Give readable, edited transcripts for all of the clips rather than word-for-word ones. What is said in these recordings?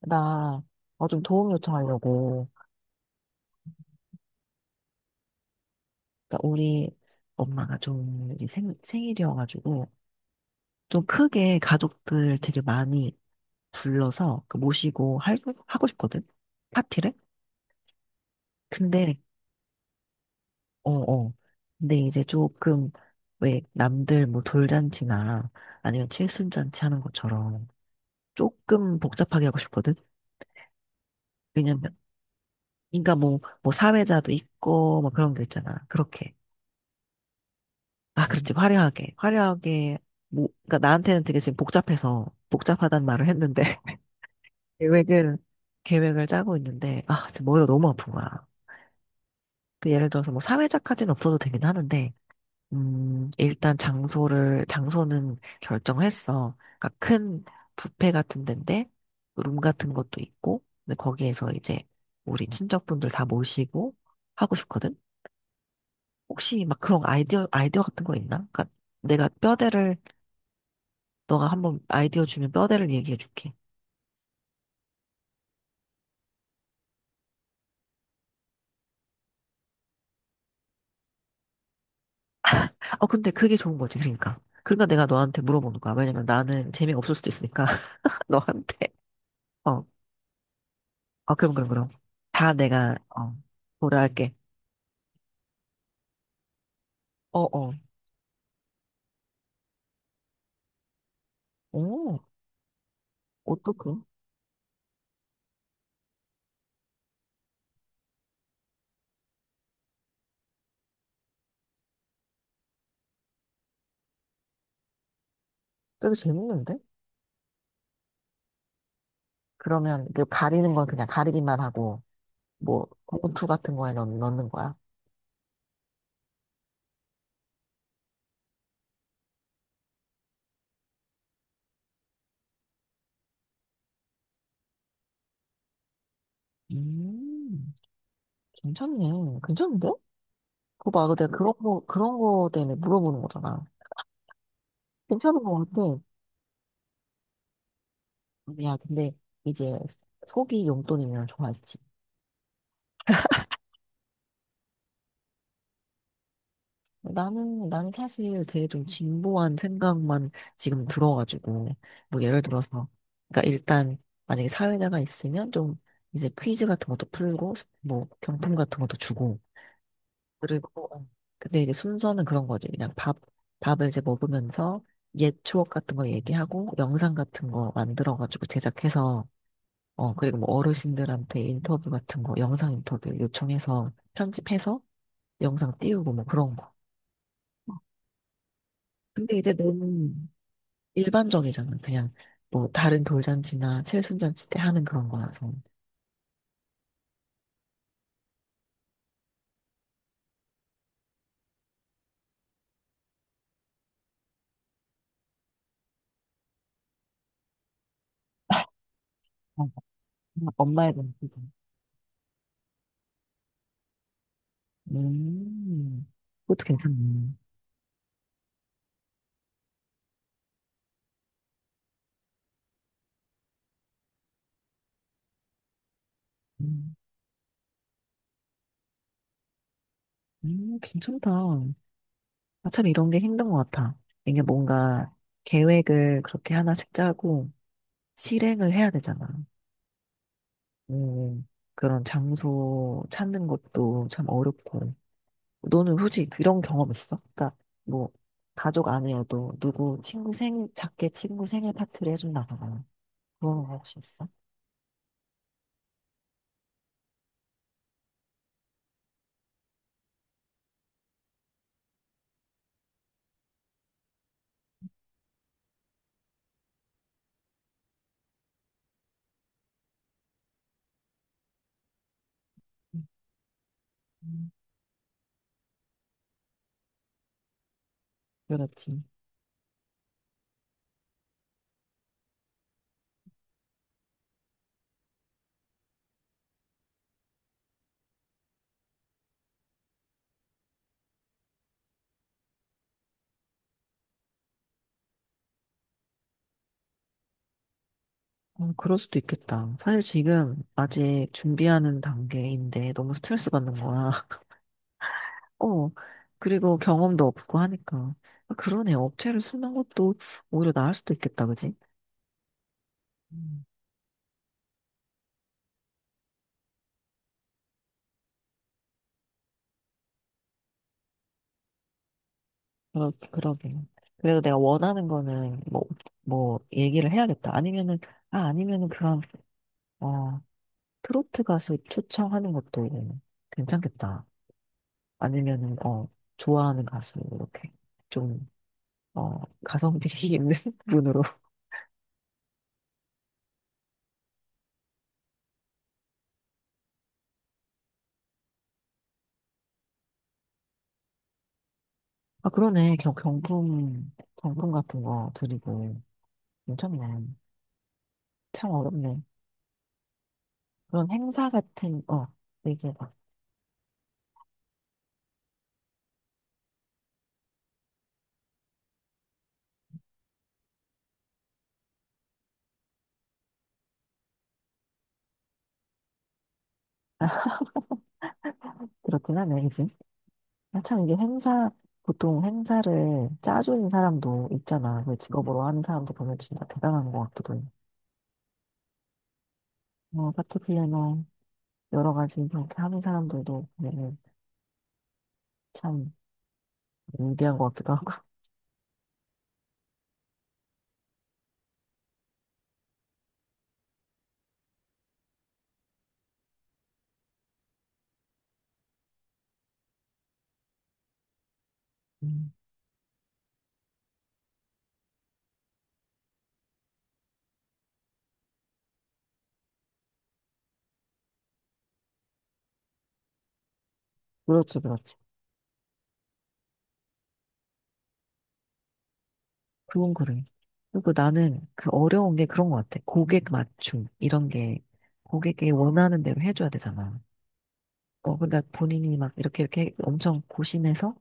나, 좀 도움 요청하려고. 그러니까 우리 엄마가 좀 이제 생일이어가지고, 좀 크게 가족들 되게 많이 불러서 그 모시고 하고 싶거든? 파티를? 근데, 어, 어. 근데 이제 조금, 왜 남들 뭐 돌잔치나 아니면 칠순잔치 하는 것처럼 조금 복잡하게 하고 싶거든? 왜냐면, 그러니까 뭐 사회자도 있고, 뭐 그런 게 있잖아. 그렇게. 아, 그렇지. 화려하게. 화려하게. 뭐, 그러니까 나한테는 되게 지금 복잡해서 복잡하단 말을 했는데 계획을 계획을 짜고 있는데 아, 지금 머리가 너무 아픈 거야. 그 예를 들어서 뭐 사회자까지는 없어도 되긴 하는데 일단 장소를 장소는 결정을 했어. 그러니까 큰 뷔페 같은 데인데 룸 같은 것도 있고 근데 거기에서 이제 우리 친척분들 다 모시고 하고 싶거든. 혹시 막 그런 아이디어 같은 거 있나? 그러니까 내가 뼈대를 너가 한번 아이디어 주면 뼈대를 얘기해 줄게. 어, 근데 그게 좋은 거지, 그러니까. 그러니까 내가 너한테 물어보는 거야. 왜냐면 나는 재미없을 수도 있으니까, 너한테. 어, 어, 그럼, 그럼, 그럼. 다 내가, 어, 고려할게. 어, 어. 오, 어떡해. 되게 재밌는데? 그러면 그 가리는 건 그냥 가리기만 하고, 뭐, 봉투 같은 거에 넣는 거야? 음, 괜찮네. 괜찮은데? 그거 봐, 내가 그런 거 때문에 물어보는 거잖아. 괜찮은 거 같아. 야, 근데 이제 속이 용돈이면 좋아하지. 나는 사실 되게 좀 진보한 생각만 지금 들어가지고, 뭐 예를 들어서, 그러니까 일단 만약에 사회자가 있으면 좀 이제 퀴즈 같은 것도 풀고, 뭐 경품 같은 것도 주고, 그리고, 어, 근데 이게 순서는 그런 거지. 밥을 이제 먹으면서 옛 추억 같은 거 얘기하고, 영상 같은 거 만들어가지고 제작해서 어, 그리고 뭐 어르신들한테 인터뷰 같은 거, 영상 인터뷰 요청해서 편집해서 영상 띄우고 뭐 그런 거. 근데 이제 너무 일반적이잖아. 그냥 뭐 다른 돌잔치나 칠순잔치 때 하는 그런 거라서. 어, 엄마- 엄마의 잔치도. 음, 그것도 괜찮네. 음, 괜찮다. 아, 참 이런 게 힘든 것 같아. 이게 뭔가 계획을 그렇게 하나씩 짜고 실행을 해야 되잖아. 음, 그런 장소 찾는 것도 참 어렵고. 너는 혹시 그런 경험 있어? 그러니까 뭐 가족 아니어도 누구 친구 생일 작게 친구 생일 파티를 해준다거나 그런 거 혹시 있어? 음, 그렇지. 어, 그럴 수도 있겠다. 사실 지금 아직 준비하는 단계인데 너무 스트레스 받는 거야. 어, 그리고 경험도 없고 하니까. 아, 그러네. 업체를 쓰는 것도 오히려 나을 수도 있겠다, 그지? 음. 그러게요. 그래서 내가 원하는 거는 뭐, 뭐, 얘기를 해야겠다. 아니면은, 아, 아니면은 그런, 어, 트로트 가수 초청하는 것도 괜찮겠다. 아니면은, 어, 좋아하는 가수, 이렇게 좀, 어, 가성비 있는 분으로. 아, 그러네. 경품 같은 거 드리고. 괜찮네. 참 어렵네. 그런 행사 같은, 어, 되게 막 그렇긴 하네. 아, 참 이게 행사, 보통 행사를 짜주는 사람도 있잖아. 그 직업으로 하는 사람도 보면 진짜 대단한 것 같기도 해. 뭐, 파티플래너, 여러 가지 그렇게 하는 사람들도 보면은 참 위대한 것 같기도 하고. 음, 그렇지, 그렇지. 그건 그래. 그리고 나는 그 어려운 게 그런 것 같아. 고객 맞춤, 이런 게 고객이 원하는 대로 해줘야 되잖아. 어, 근데 본인이 막 이렇게 엄청 고심해서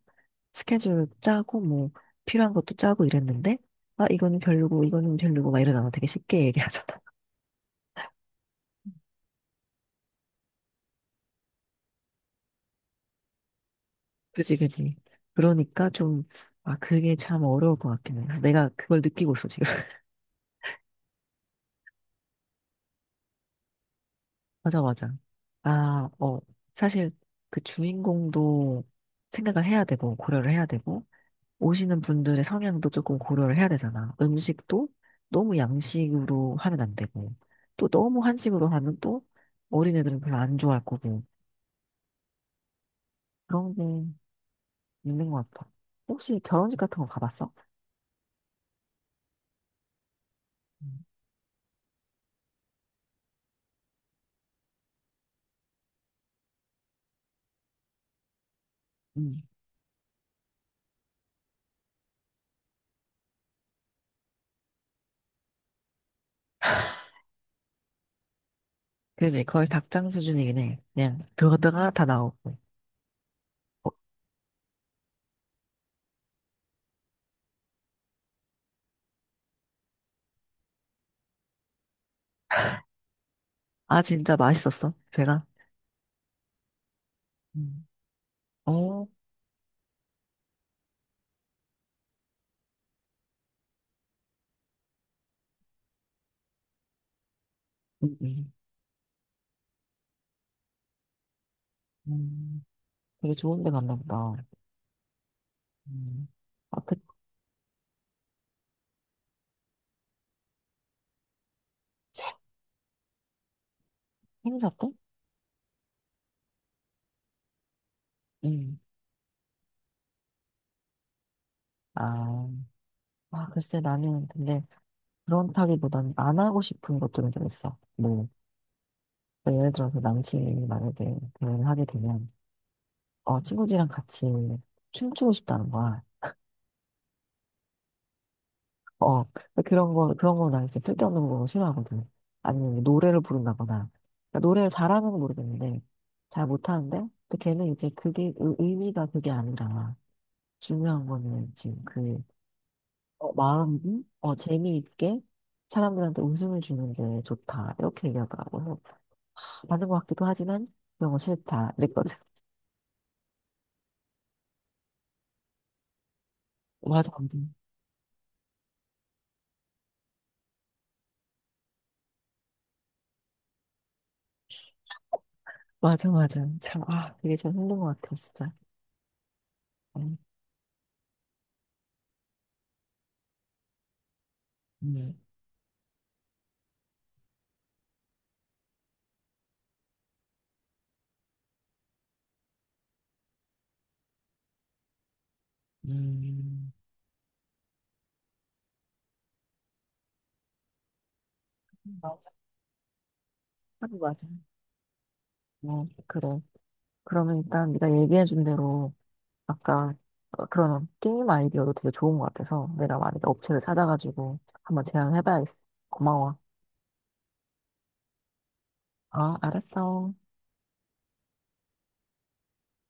스케줄 짜고 뭐 필요한 것도 짜고 이랬는데, 아, 이거는 별로고, 이거는 별로고 막 이러잖아. 되게 쉽게 얘기하잖아. 그지, 그지. 그러니까 좀, 아, 그게 참 어려울 것 같긴 해. 그래서 내가 그걸 느끼고 있어, 지금. 맞아, 맞아. 아, 어, 사실 그 주인공도 생각을 해야 되고, 고려를 해야 되고, 오시는 분들의 성향도 조금 고려를 해야 되잖아. 음식도 너무 양식으로 하면 안 되고, 또 너무 한식으로 하면 또 어린애들은 별로 안 좋아할 거고, 그런 게 있는 것 같아. 혹시 결혼식 같은 거 가봤어? 음. 응. 그지? 거의 닭장 수준이긴 해. 그냥 들어갔다가 다 나오고. 아, 진짜 맛있었어? 배가? 음, 어, 음. 음, 음. 되게 좋은 데 갔나 보다. 음. 아, 그, 차, 행사 때? 응. 아, 아, 글쎄, 나는 근데 그렇다기보다는 안 하고 싶은 것들은 좀 있어. 뭐, 그러니까 예를 들어서 남친이 만약에 대화를 하게 되면, 어, 친구들이랑 같이 춤추고 싶다는 거야. 어, 그런 거 나 진짜 쓸데없는 거 싫어하거든. 아니면 뭐 노래를 부른다거나. 그러니까 노래를 잘하는 건 모르겠는데, 잘 못하는데, 또 걔는 이제 그게, 의미가 그게 아니라, 중요한 거는 지금 그, 어, 마음이, 어, 재미있게 사람들한테 웃음을 주는 게 좋다. 이렇게 얘기하더라고. 맞는 것 같기도 하지만 너무 싫다 이랬거든. 맞아, 맞아, 맞아. 참, 아, 이게 참 힘든 것 같아, 진짜. 음, 음, 음. 맞아, 하 맞아. 어, 그래. 그러면 일단 네가 얘기해준 대로 아까 어, 그런 게임 아이디어도 되게 좋은 것 같아서 내가 만약에 업체를 찾아가지고 한번 제안해봐야겠어. 고마워. 아, 알았어.